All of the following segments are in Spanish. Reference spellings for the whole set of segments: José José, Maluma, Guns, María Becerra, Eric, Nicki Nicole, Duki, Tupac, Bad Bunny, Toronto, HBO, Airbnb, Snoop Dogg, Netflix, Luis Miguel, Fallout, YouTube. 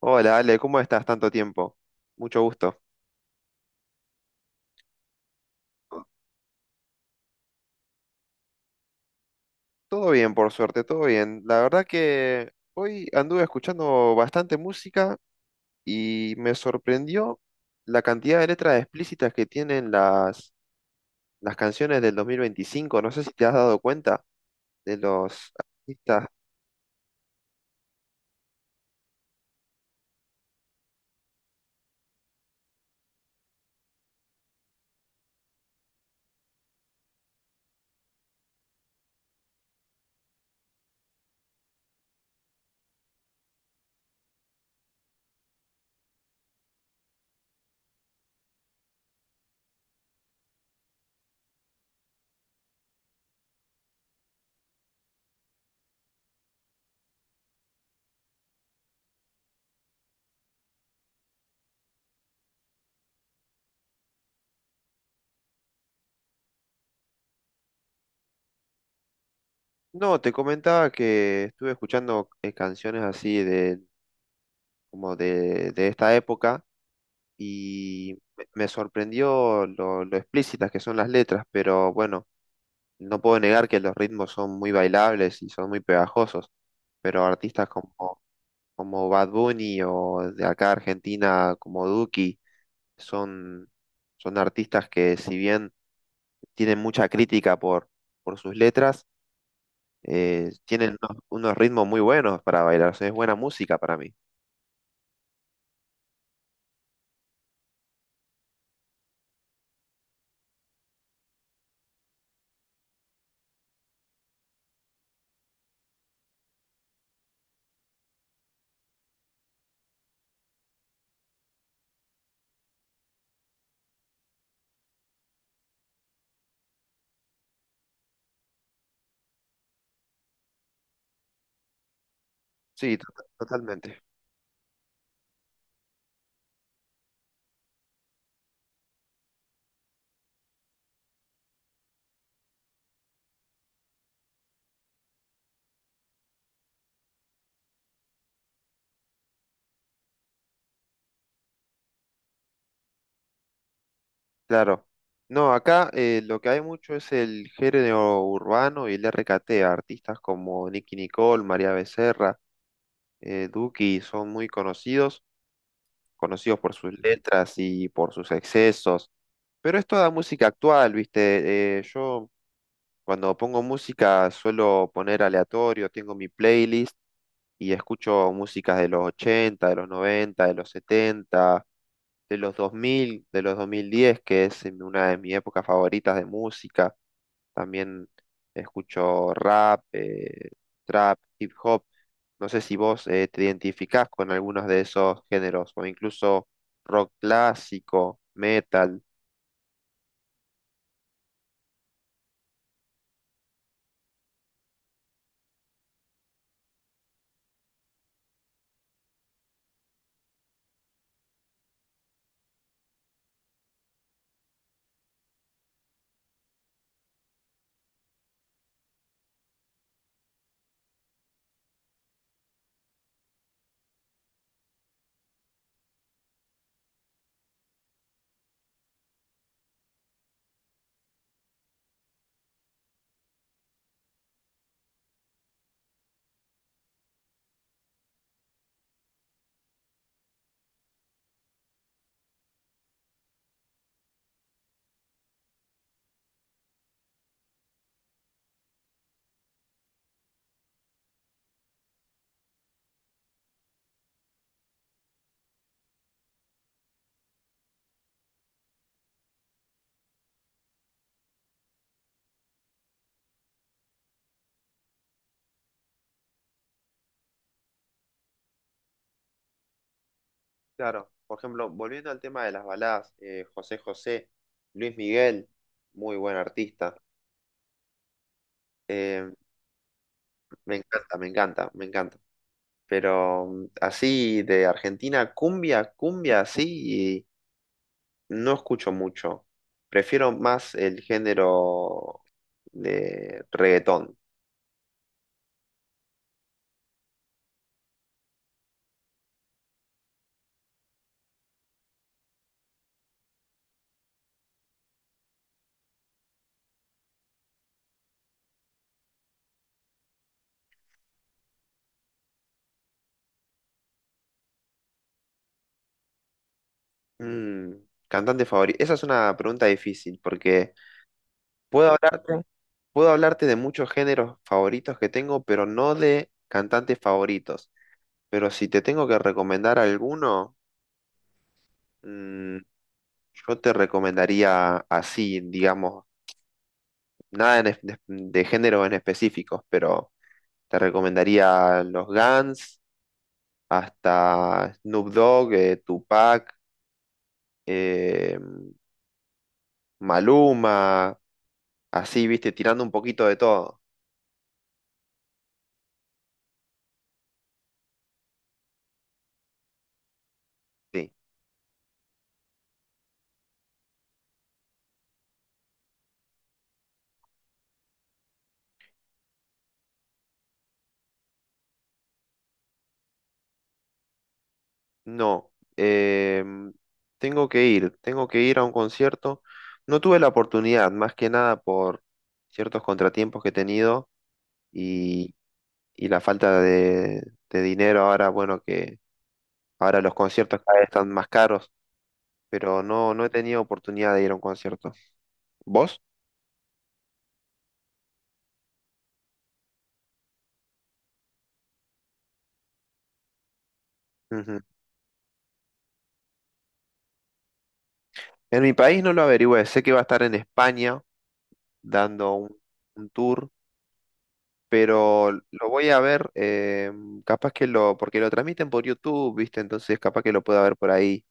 Hola, Ale, ¿cómo estás? Tanto tiempo. Mucho gusto. Todo bien, por suerte, todo bien. La verdad que hoy anduve escuchando bastante música y me sorprendió la cantidad de letras explícitas que tienen las canciones del 2025. No sé si te has dado cuenta de los artistas. No, te comentaba que estuve escuchando canciones así como de esta época y me sorprendió lo explícitas que son las letras, pero bueno. No puedo negar que los ritmos son muy bailables y son muy pegajosos, pero como Bad Bunny o de acá Argentina como Duki son, son artistas que si bien tienen mucha crítica por sus letras, tienen unos ritmos muy buenos para bailar, o sea, es buena música para mí. Sí, totalmente. Claro. No, acá lo que hay mucho es el género urbano y el RKT, artistas como Nicki Nicole, María Becerra. Duki son muy conocidos por sus letras y por sus excesos, pero es toda música actual, ¿viste? Yo cuando pongo música suelo poner aleatorio, tengo mi playlist y escucho músicas de los 80, de los 90, de los 70 de los 2000, de los 2010, que es en una de mis épocas favoritas de música. También escucho rap, trap, hip hop. No sé si vos te identificás con algunos de esos géneros, o incluso rock clásico, metal. Claro, por ejemplo, volviendo al tema de las baladas, José José, Luis Miguel, muy buen artista. Eh, me encanta, me encanta, me encanta. Pero así de Argentina, cumbia, cumbia, así, no escucho mucho. Prefiero más el género de reggaetón. Mm, cantante favorito. Esa es una pregunta difícil porque puedo hablarte, puedo hablarte de muchos géneros favoritos que tengo, pero no de cantantes favoritos. Pero si te tengo que recomendar alguno, mm, yo te recomendaría así, digamos, nada en de género en específicos, pero te recomendaría los Guns, hasta Snoop Dogg, Tupac, eh, Maluma, así, viste, tirando un poquito de todo. Sí. No, tengo que ir a un concierto. No tuve la oportunidad, más que nada por ciertos contratiempos que he tenido y, y la falta de dinero ahora, bueno, que ahora los conciertos cada vez están más caros, pero no, no he tenido oportunidad de ir a un concierto. ¿Vos? Ujú. En mi país no lo averigüé, sé que va a estar en España dando un tour, pero lo voy a ver, porque lo transmiten por YouTube, ¿viste? Entonces capaz que lo pueda ver por ahí.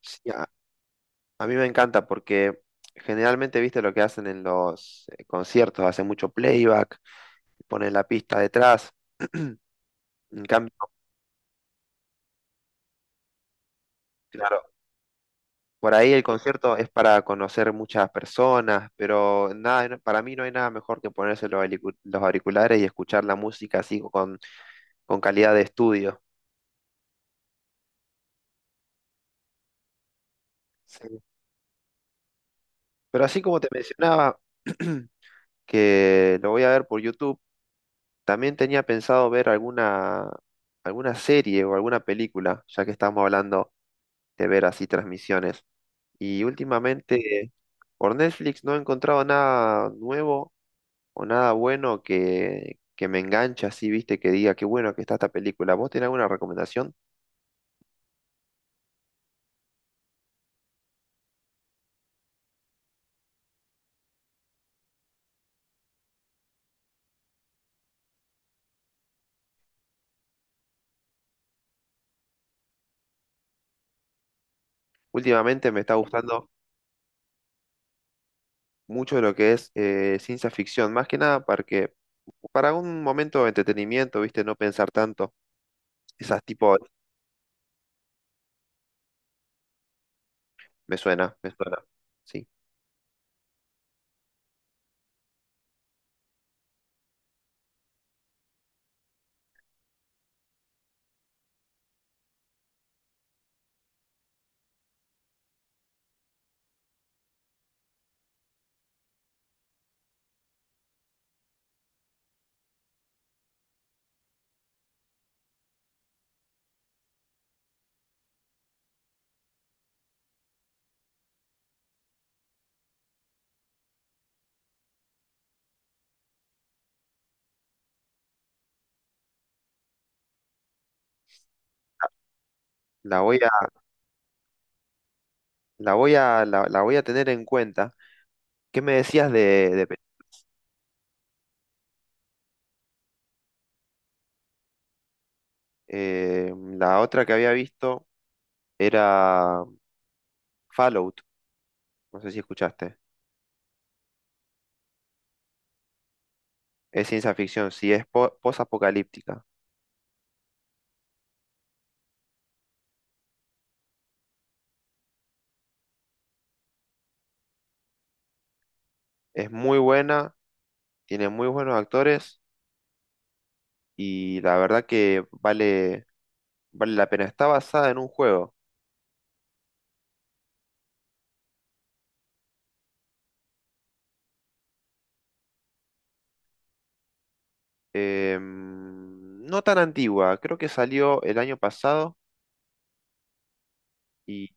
Sí, a mí me encanta porque generalmente, ¿viste lo que hacen en los conciertos? Hacen mucho playback, ponen la pista detrás. En cambio, claro, por ahí el concierto es para conocer muchas personas, pero nada, para mí no hay nada mejor que ponerse los los auriculares y escuchar la música así con calidad de estudio. Sí. Pero así como te mencionaba, que lo voy a ver por YouTube, también tenía pensado ver alguna serie o alguna película, ya que estamos hablando de ver así transmisiones. Y últimamente por Netflix no he encontrado nada nuevo o nada bueno que me enganche así, viste, que diga qué bueno que está esta película. ¿Vos tenés alguna recomendación? Últimamente me está gustando mucho lo que es ciencia ficción, más que nada porque para un momento de entretenimiento, viste, no pensar tanto. Esas tipo, me suena, me suena. Sí. La voy a, la voy a tener en cuenta. ¿Qué me decías de la otra que había visto era Fallout? No sé si escuchaste. Es ciencia ficción, sí, es post-apocalíptica. Es muy buena, tiene muy buenos actores y la verdad que vale la pena. Está basada en un juego, no tan antigua, creo que salió el año pasado y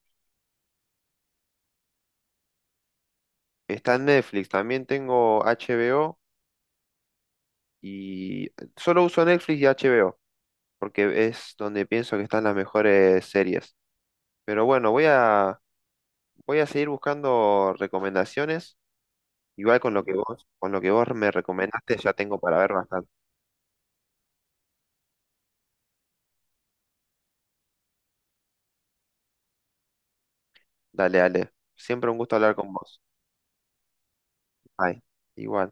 está en Netflix. También tengo HBO y solo uso Netflix y HBO porque es donde pienso que están las mejores series. Pero bueno, voy a seguir buscando recomendaciones. Igual con lo que vos me recomendaste, ya tengo para ver bastante. Dale, dale. Siempre un gusto hablar con vos. Bye. Igual.